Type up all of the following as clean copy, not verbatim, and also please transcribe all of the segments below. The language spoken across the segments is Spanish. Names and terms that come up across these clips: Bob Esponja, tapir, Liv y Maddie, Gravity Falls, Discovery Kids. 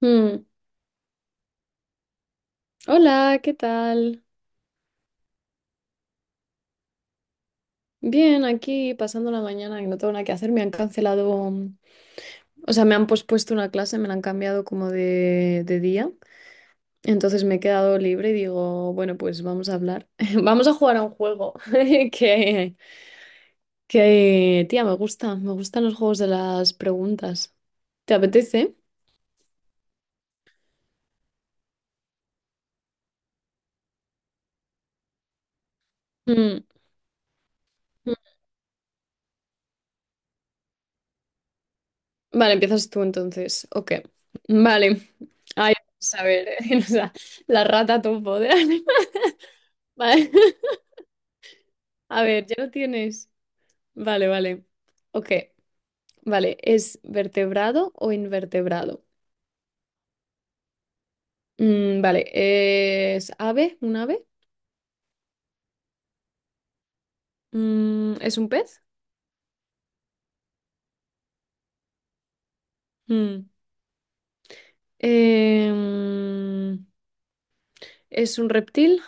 Mm. Hola, ¿qué tal? Bien, aquí pasando la mañana que no tengo nada que hacer. Me han cancelado, o sea, me han pospuesto una clase, me la han cambiado como de día. Entonces me he quedado libre y digo, bueno, pues vamos a hablar. Vamos a jugar a un juego que, que, tía, me gusta. Me gustan los juegos de las preguntas. ¿Te apetece? Mm, mm. Vale, empiezas tú entonces. Ok. Vale. Ay, vamos a ver, o sea, la rata topo de Vale. A ver, ya lo tienes. Vale, vale. Ok, vale. ¿Es vertebrado o invertebrado? Mm, vale, ¿es ave? ¿Un ave? Mm, ¿es un pez? Mm. Em, ¿Es un reptil?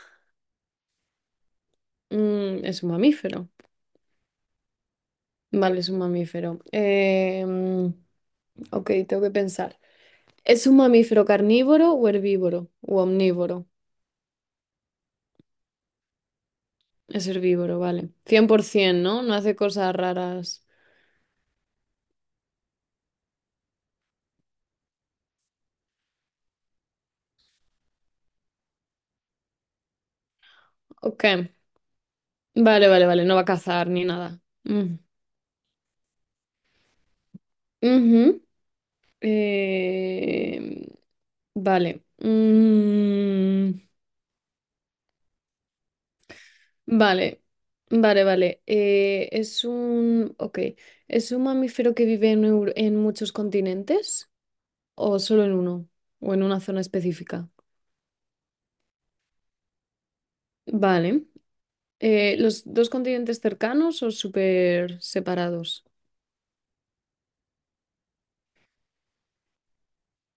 Mm, es un mamífero. Vale, es un mamífero. Ok, tengo que pensar. ¿Es un mamífero carnívoro o herbívoro? ¿O omnívoro? Es herbívoro, vale. 100%, ¿no? No hace cosas raras. Ok. Vale, vale, vale, no va a cazar ni nada. Mm. Ujú. Eh, Vale. Vale, vale, vale. Es un... Ok. ¿Es un mamífero que vive en, en muchos continentes o solo en uno o en una zona específica? Vale. ¿Los dos continentes cercanos o súper separados?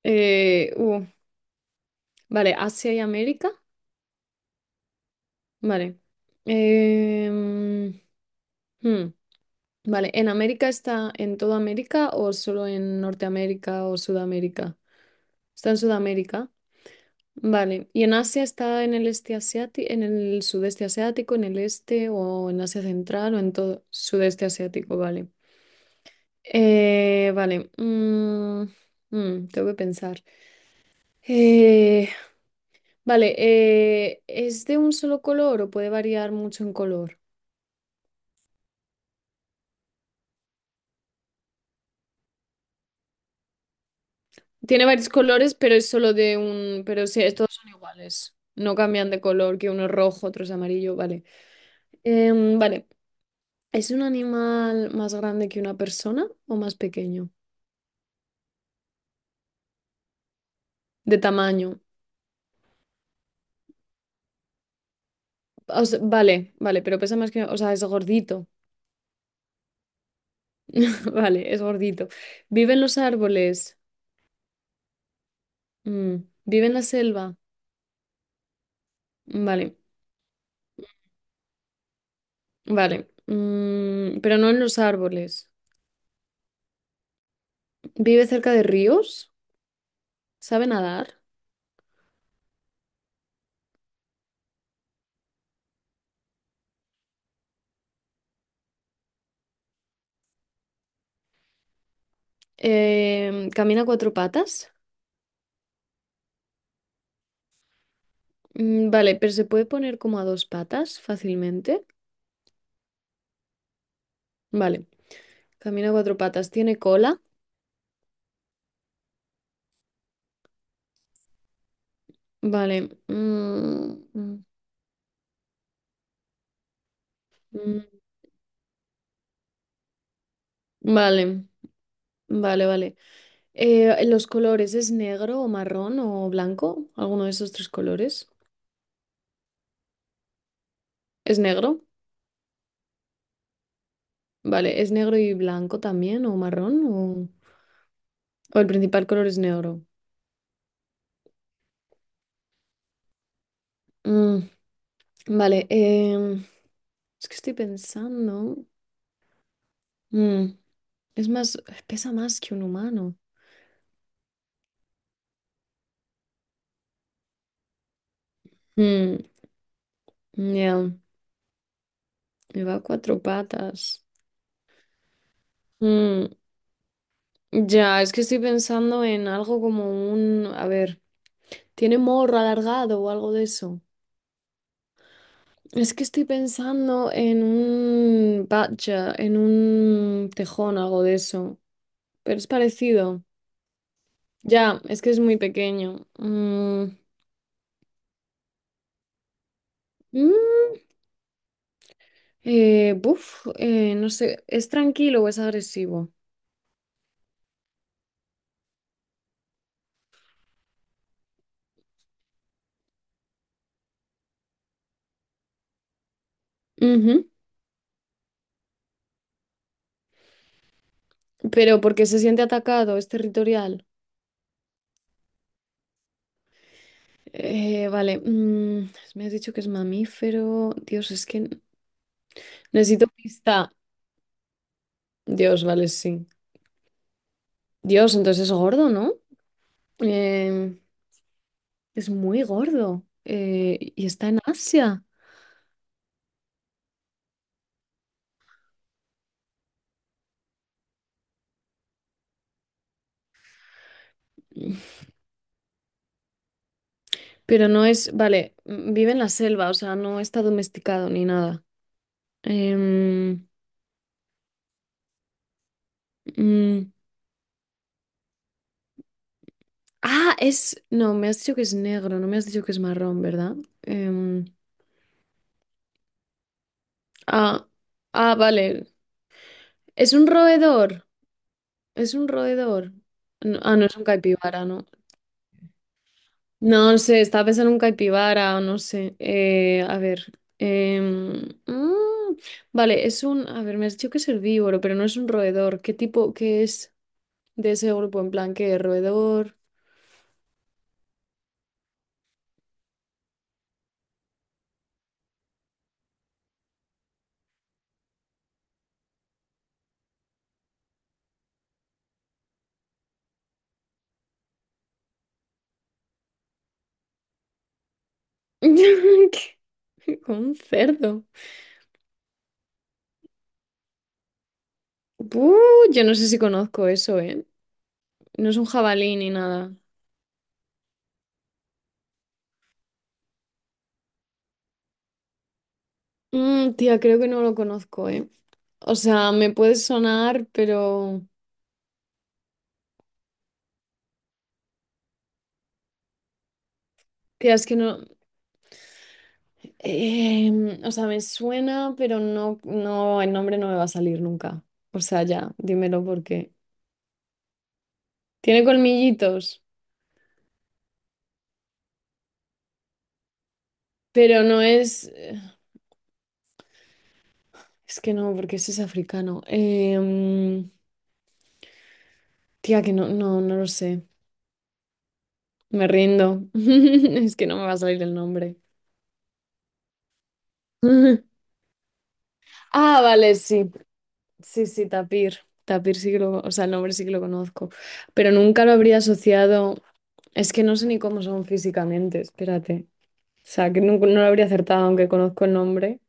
Eh, uh, vale, Asia y América. Vale. Em, hmm. Vale, ¿en América está en toda América o solo en Norteamérica o Sudamérica? Está en Sudamérica. Vale, ¿y en Asia está en el este asiático, en el sudeste asiático, en el este o en Asia Central o en todo sudeste asiático? Vale. Eh, vale, mm, tengo que pensar. Eh, vale, ¿es de un solo color o puede variar mucho en color? Tiene varios colores, pero es solo de un. Pero sí, todos son iguales. No cambian de color, que uno es rojo, otro es amarillo, vale. Em, vale. ¿Es un animal más grande que una persona o más pequeño? De tamaño. O sea, vale, vale, pero pesa más que. O sea, es gordito. Vale, es gordito. ¿Vive en los árboles? Mm. ¿Vive en la selva? Mm, vale, vale. Mm, pero no en los árboles. ¿Vive cerca de ríos? ¿Sabe nadar? ¿Camina a cuatro patas? Mm, vale, pero se puede poner como a dos patas fácilmente. Vale, camina a cuatro patas, tiene cola. Vale. Mm, Vale, vale, vale. ¿Los colores es negro o marrón o blanco? ¿Alguno de esos tres colores? ¿Es negro? Vale, ¿es negro y blanco también o marrón? O el principal color es negro? Mm, Vale, es que estoy pensando. Mm, es más, pesa más que un humano. Mm, ya. Lleva cuatro patas. Mm, ya, es que estoy pensando en algo como un... A ver, ¿tiene morro alargado o algo de eso? Es que estoy pensando en un badger, en un tejón, algo de eso. Pero es parecido. Ya, es que es muy pequeño. Mm, no sé, ¿es tranquilo o es agresivo? Ujú, pero porque se siente atacado, es territorial. Vale, me has dicho que es mamífero. Dios, es que necesito pista. Dios, vale, sí. Dios, entonces es gordo, ¿no? Eh, es muy gordo. Y está en Asia. Pero no es, vale, vive en la selva, o sea, no está domesticado ni nada. Em, mm, ah, es, no, me has dicho que es negro, no me has dicho que es marrón, ¿verdad? Em, ah, ah, vale. Es un roedor. ¿Es un roedor? Ah, no es un caipibara, no. No, no sé, estaba pensando en un caipibara o no sé. A ver. em, mm, vale, es un. A ver, me has dicho que es herbívoro, pero no es un roedor. ¿Qué es de ese grupo? En plan, ¿qué roedor? ¿Qué? Como un cerdo. Buh, yo no sé si conozco eso, ¿eh? No es un jabalí ni nada. Mm, tía, creo que no lo conozco, ¿eh? O sea, me puede sonar, pero... Tía, es que no, o sea, me suena, pero el nombre no me va a salir nunca. O sea, ya, dímelo porque. Tiene colmillitos, pero no es. Es que no, porque ese es africano. Tía, que no lo sé. Me rindo. Es que no me va a salir el nombre. Ah, vale, sí. Sí, sí, tapir. Tapir sí que lo, o sea, el nombre sí que lo conozco. Pero nunca lo habría asociado. Es que no sé ni cómo son físicamente, espérate. O sea, que no, lo habría acertado, aunque conozco el nombre.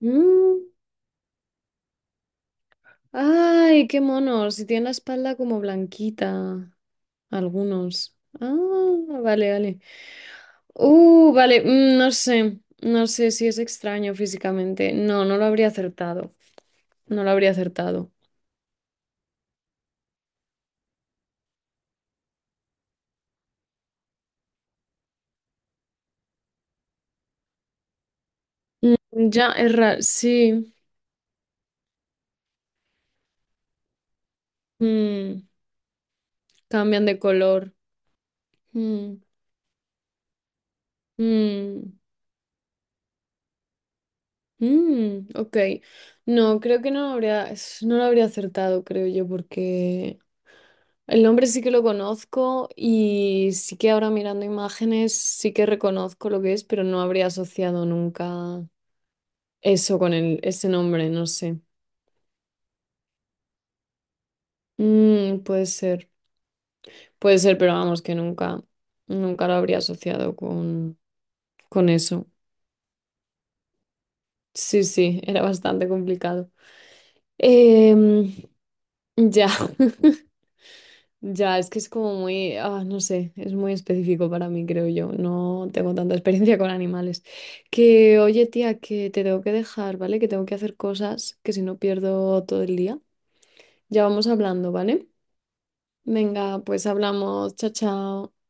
Mm, ay, qué monos. Y tiene la espalda como blanquita. Algunos. Ah, vale. Vale. No sé. No sé si es extraño físicamente. No, no lo habría acertado. No lo habría acertado. Mm, ya, es raro. Sí. Mm, cambian de color. Mm, mm. Ok. No, creo que no habría, no lo habría acertado, creo yo, porque el nombre sí que lo conozco y sí que ahora mirando imágenes sí que reconozco lo que es, pero no habría asociado nunca eso con el, ese nombre, no sé. Mm, puede ser, pero vamos, que nunca, nunca lo habría asociado con eso. Sí, sí, era bastante complicado. Em, ya. Ya, es que es como muy, ah, no sé, es muy específico para mí, creo yo. No tengo tanta experiencia con animales. Que, oye, tía, que te tengo que dejar, ¿vale? Que tengo que hacer cosas, que si no pierdo todo el día. Ya vamos hablando, ¿vale? Venga, pues hablamos. Chao, chao.